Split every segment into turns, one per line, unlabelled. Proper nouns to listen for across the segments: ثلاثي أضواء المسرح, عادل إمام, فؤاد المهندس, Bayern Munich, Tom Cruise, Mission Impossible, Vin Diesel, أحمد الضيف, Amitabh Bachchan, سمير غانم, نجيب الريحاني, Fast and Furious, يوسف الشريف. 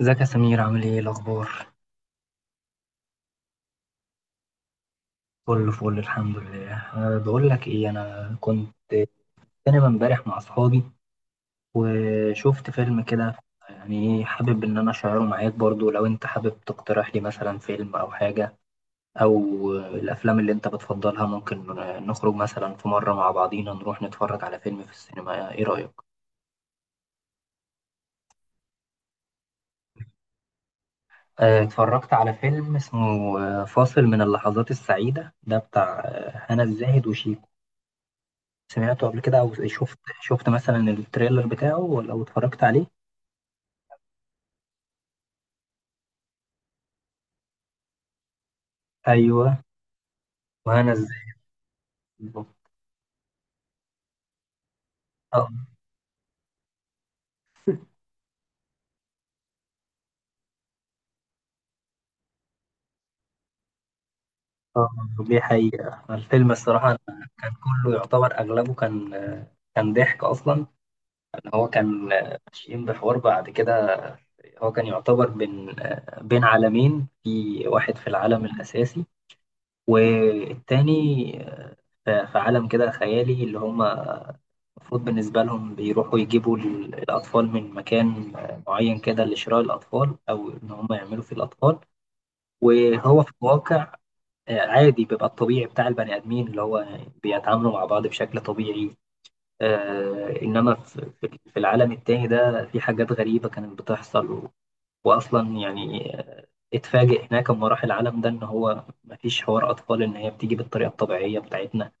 ازيك يا سمير، عامل ايه؟ إيه الاخبار؟ كله فل، الحمد لله. بقول لك ايه، انا كنت في سينما امبارح مع اصحابي وشفت فيلم كده. يعني ايه، حابب ان انا اشعره معاك برضو، لو انت حابب تقترح لي مثلا فيلم او حاجه، او الافلام اللي انت بتفضلها. ممكن نخرج مثلا في مره مع بعضينا نروح نتفرج على فيلم في السينما. ايه رايك؟ أه، اتفرجت على فيلم اسمه فاصل من اللحظات السعيده، ده بتاع هنا الزاهد وشيكو. سمعته قبل كده؟ او شفت مثلا التريلر بتاعه؟ ولا او اتفرجت عليه؟ ايوه. وهنا ازاي. بالظبط. اه، اه، دي حقيقة. الفيلم الصراحة كان كله يعتبر، اغلبه كان، ضحك اصلا. ان هو كان ماشيين بحوار بعد كده، هو كان يعتبر بين عالمين، في واحد في العالم الاساسي والتاني. في عالم كده خيالي، اللي هم المفروض بالنسبة لهم بيروحوا يجيبوا الأطفال من مكان معين كده، لشراء الأطفال أو إن هم يعملوا فيه الأطفال. وهو في الواقع عادي، بيبقى الطبيعي بتاع البني آدمين، اللي هو بيتعاملوا مع بعض بشكل طبيعي. إنما في العالم التاني ده في حاجات غريبة كانت بتحصل وأصلا يعني اتفاجئ هناك لما راح العالم ده إن هو مفيش حوار أطفال، إن هي بتيجي بالطريقة الطبيعية بتاعتنا.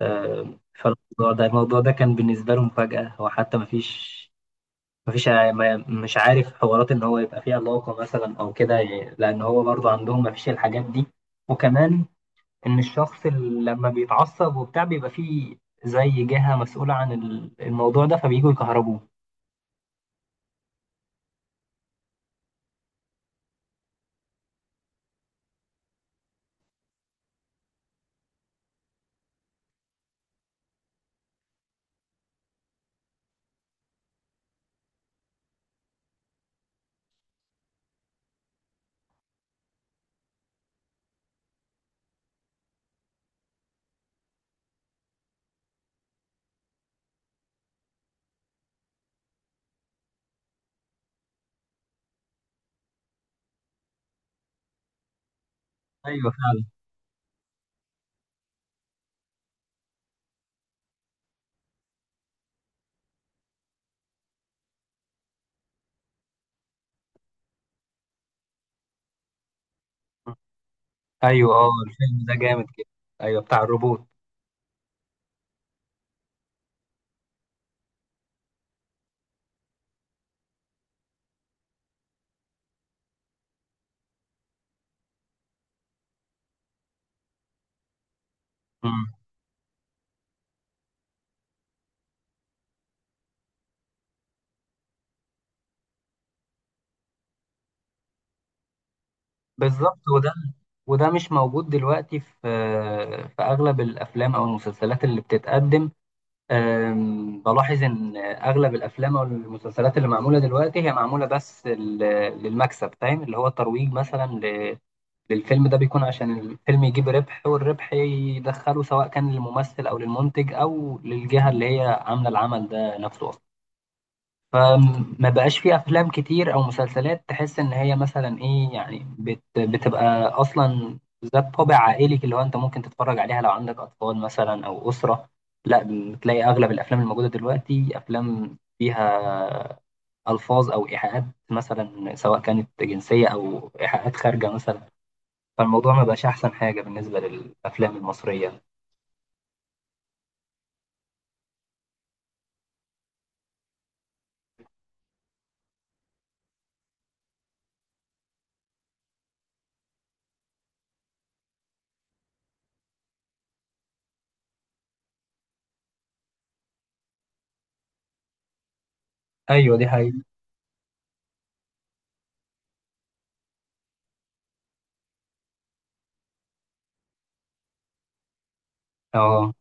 فالموضوع ده الموضوع ده كان بالنسبة له مفاجأة. هو حتى مفيش، مش عارف حوارات، ان هو يبقى فيه علاقة مثلا او كده يعني، لان هو برضه عندهم مفيش الحاجات دي. وكمان، ان الشخص اللي لما بيتعصب وبتاع، بيبقى فيه زي جهة مسؤولة عن الموضوع ده، فبييجوا يكهربوه. ايوه، فعلا. ايوه، اه، الفيلم ده جامد كده. ايوه، بتاع الروبوت. مم. بالظبط. وده مش موجود دلوقتي في اغلب الافلام او المسلسلات اللي بتتقدم. بلاحظ ان اغلب الافلام او المسلسلات اللي معموله دلوقتي، هي معموله بس للمكسب، فاهم؟ اللي هو الترويج مثلا للفيلم ده بيكون عشان الفيلم يجيب ربح والربح يدخله، سواء كان للممثل او للمنتج او للجهه اللي هي عامله العمل ده نفسه. فما بقاش في افلام كتير او مسلسلات تحس ان هي مثلا ايه يعني، بتبقى اصلا ذات طابع عائلي، اللي هو انت ممكن تتفرج عليها لو عندك اطفال مثلا او اسره. لا، بتلاقي اغلب الافلام الموجوده دلوقتي افلام فيها الفاظ او ايحاءات مثلا، سواء كانت جنسيه او ايحاءات خارجه مثلا. فالموضوع ما بقاش احسن حاجه بالنسبه للافلام المصريه. ايوه، دي حقيقة. اه،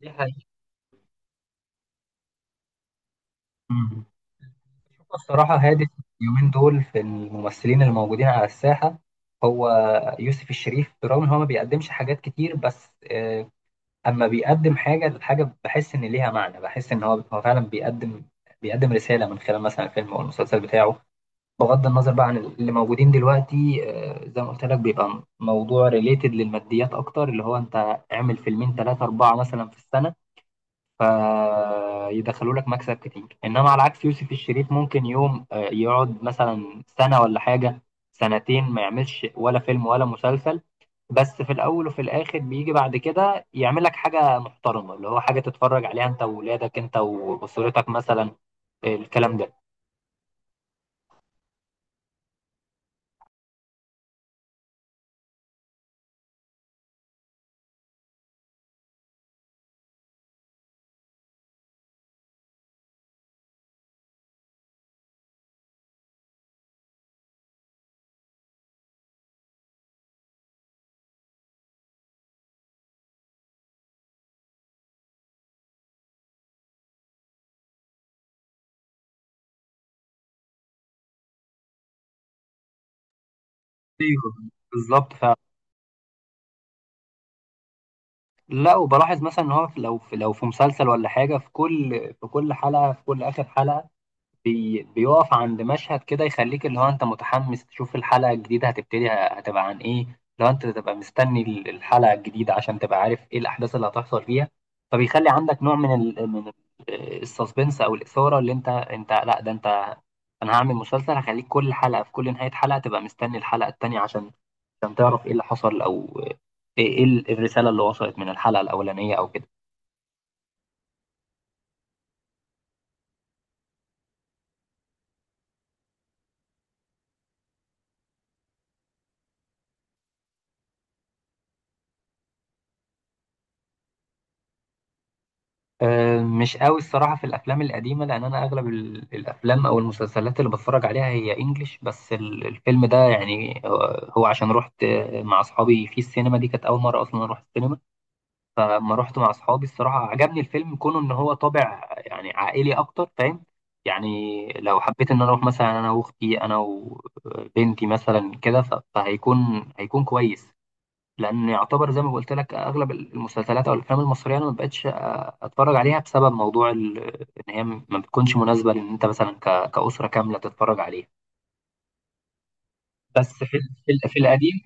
دي حقيقة. الصراحة هادي اليومين دول، في الممثلين اللي موجودين على الساحة، هو يوسف الشريف. برغم إن هو ما بيقدمش حاجات كتير، بس أما بيقدم حاجة، الحاجة بحس إن ليها معنى. بحس إن هو فعلا بيقدم، رسالة من خلال مثلا الفيلم أو المسلسل بتاعه. بغض النظر بقى عن اللي موجودين دلوقتي. زي ما قلت لك، بيبقى موضوع ريليتد للماديات أكتر، اللي هو أنت اعمل فيلمين تلاتة أربعة مثلا في السنة فيدخلوا لك مكسب كتير. انما على عكس يوسف الشريف، ممكن يوم يقعد مثلا سنة ولا حاجة، سنتين، ما يعملش ولا فيلم ولا مسلسل. بس في الاول وفي الاخر بيجي بعد كده يعمل لك حاجة محترمة، اللي هو حاجة تتفرج عليها انت وولادك، انت واسرتك مثلا، الكلام ده. ايوه، بالظبط، لا، وبلاحظ مثلا ان هو لو في مسلسل ولا حاجه، في كل حلقه، في كل اخر حلقه بيقف عند مشهد كده يخليك، اللي هو انت متحمس تشوف الحلقة الجديدة هتبتدي هتبقى عن ايه. لو انت تبقى مستني الحلقة الجديدة عشان تبقى عارف ايه الأحداث اللي هتحصل فيها، فبيخلي عندك نوع من السسبنس او الإثارة. اللي انت، لا ده انت، انا هعمل مسلسل هخليك كل حلقة، في كل نهاية حلقة تبقى مستني الحلقة التانية عشان، تعرف ايه اللي حصل، او ايه، الرسالة اللي وصلت من الحلقة الأولانية او كده. أه، مش قوي الصراحة في الأفلام القديمة. لأن أنا أغلب الأفلام أو المسلسلات اللي بتفرج عليها هي إنجليش. بس الفيلم ده يعني هو عشان رحت مع أصحابي في السينما، دي كانت أول مرة أصلا أروح السينما. فلما رحت مع أصحابي، الصراحة عجبني الفيلم كونه إن هو طابع يعني عائلي أكتر، فاهم؟ يعني لو حبيت إن أنا أروح مثلا أنا وأختي، أنا وبنتي مثلا كده، فهيكون، كويس. لان يعتبر زي ما قلت لك، اغلب المسلسلات او الافلام المصريه انا ما بقتش اتفرج عليها، بسبب موضوع ان هي ما بتكونش مناسبه، لان انت مثلا كاسره كامله تتفرج عليها. بس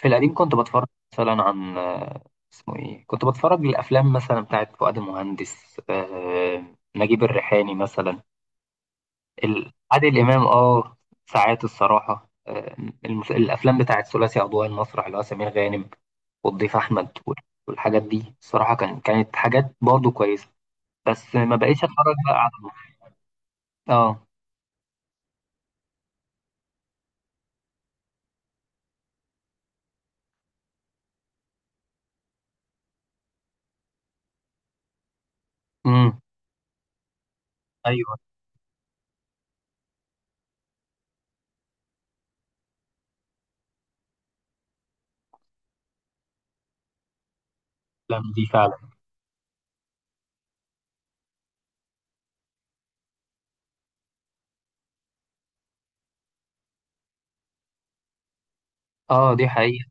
في القديم كنت بتفرج مثلا عن اسمه ايه، كنت بتفرج للافلام مثلا بتاعت فؤاد المهندس، نجيب الريحاني مثلا، عادل إمام، اه، ساعات الصراحة الأفلام بتاعت ثلاثي أضواء المسرح، اللي هو سمير غانم والضيف أحمد والحاجات دي، الصراحة كانت حاجات برضه كويسة، بس ما بقيتش أتفرج بقى على مصر. اه، امم، ايوه، الافلام دي فعلا. اه، دي حقيقة.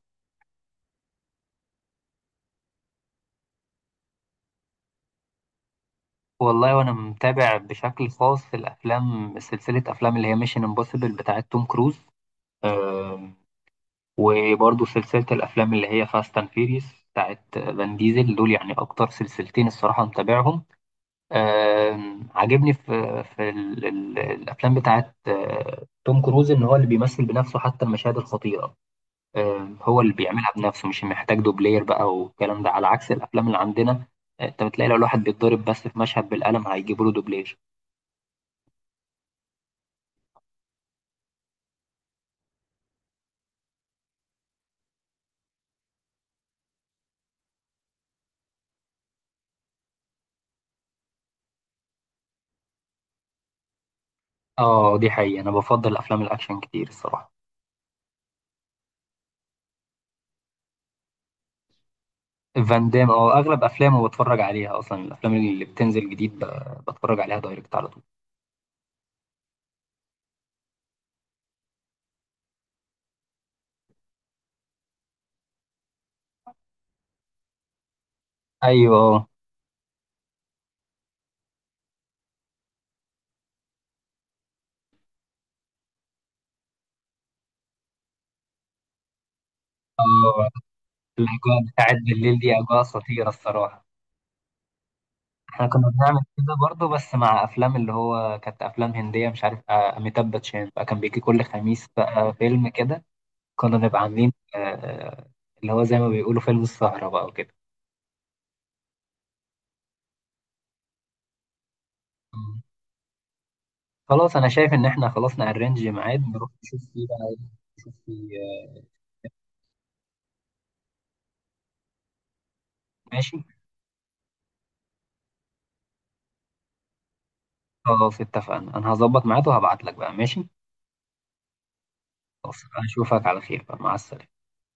والله، وانا متابع بشكل خاص في الافلام، سلسلة افلام اللي هي ميشن امبوسيبل بتاعت توم كروز، وبرضه سلسلة الأفلام اللي هي فاست أند فيريس بتاعت فان ديزل. دول يعني أكتر سلسلتين الصراحة متابعهم. عاجبني في ال الأفلام بتاعت توم كروز، إن هو اللي بيمثل بنفسه حتى المشاهد الخطيرة. هو اللي بيعملها بنفسه، مش محتاج دوبلير بقى. والكلام ده على عكس الأفلام اللي عندنا. أنت بتلاقي لو الواحد بيتضرب بس في مشهد بالقلم، هيجيبوا له دوبلير. اه، دي حقيقة. أنا بفضل أفلام الأكشن كتير الصراحة. فان دام، اه، اغلب افلامه بتفرج عليها. اصلا الافلام اللي بتنزل جديد بتفرج عليها دايركت على طول. ايوه، اه، آه، الاجواء بتاعت بالليل دي اجواء خطيره الصراحه. احنا كنا بنعمل كده برضه، بس مع افلام اللي هو كانت افلام هنديه، مش عارف اميتاب باتشان بقى، كان بيجي كل خميس بقى فيلم كده. كنا نبقى عاملين اللي هو زي ما بيقولوا فيلم السهره بقى وكده. مم. خلاص، انا شايف ان احنا خلاص نأرنج ميعاد، نروح نشوف فيه بقى نشوف فيه ماشي. خلاص اتفقنا، انا هظبط ميعاد وهبعت لك بقى. ماشي، خلاص. اشوفك على خير بقى، مع السلامة.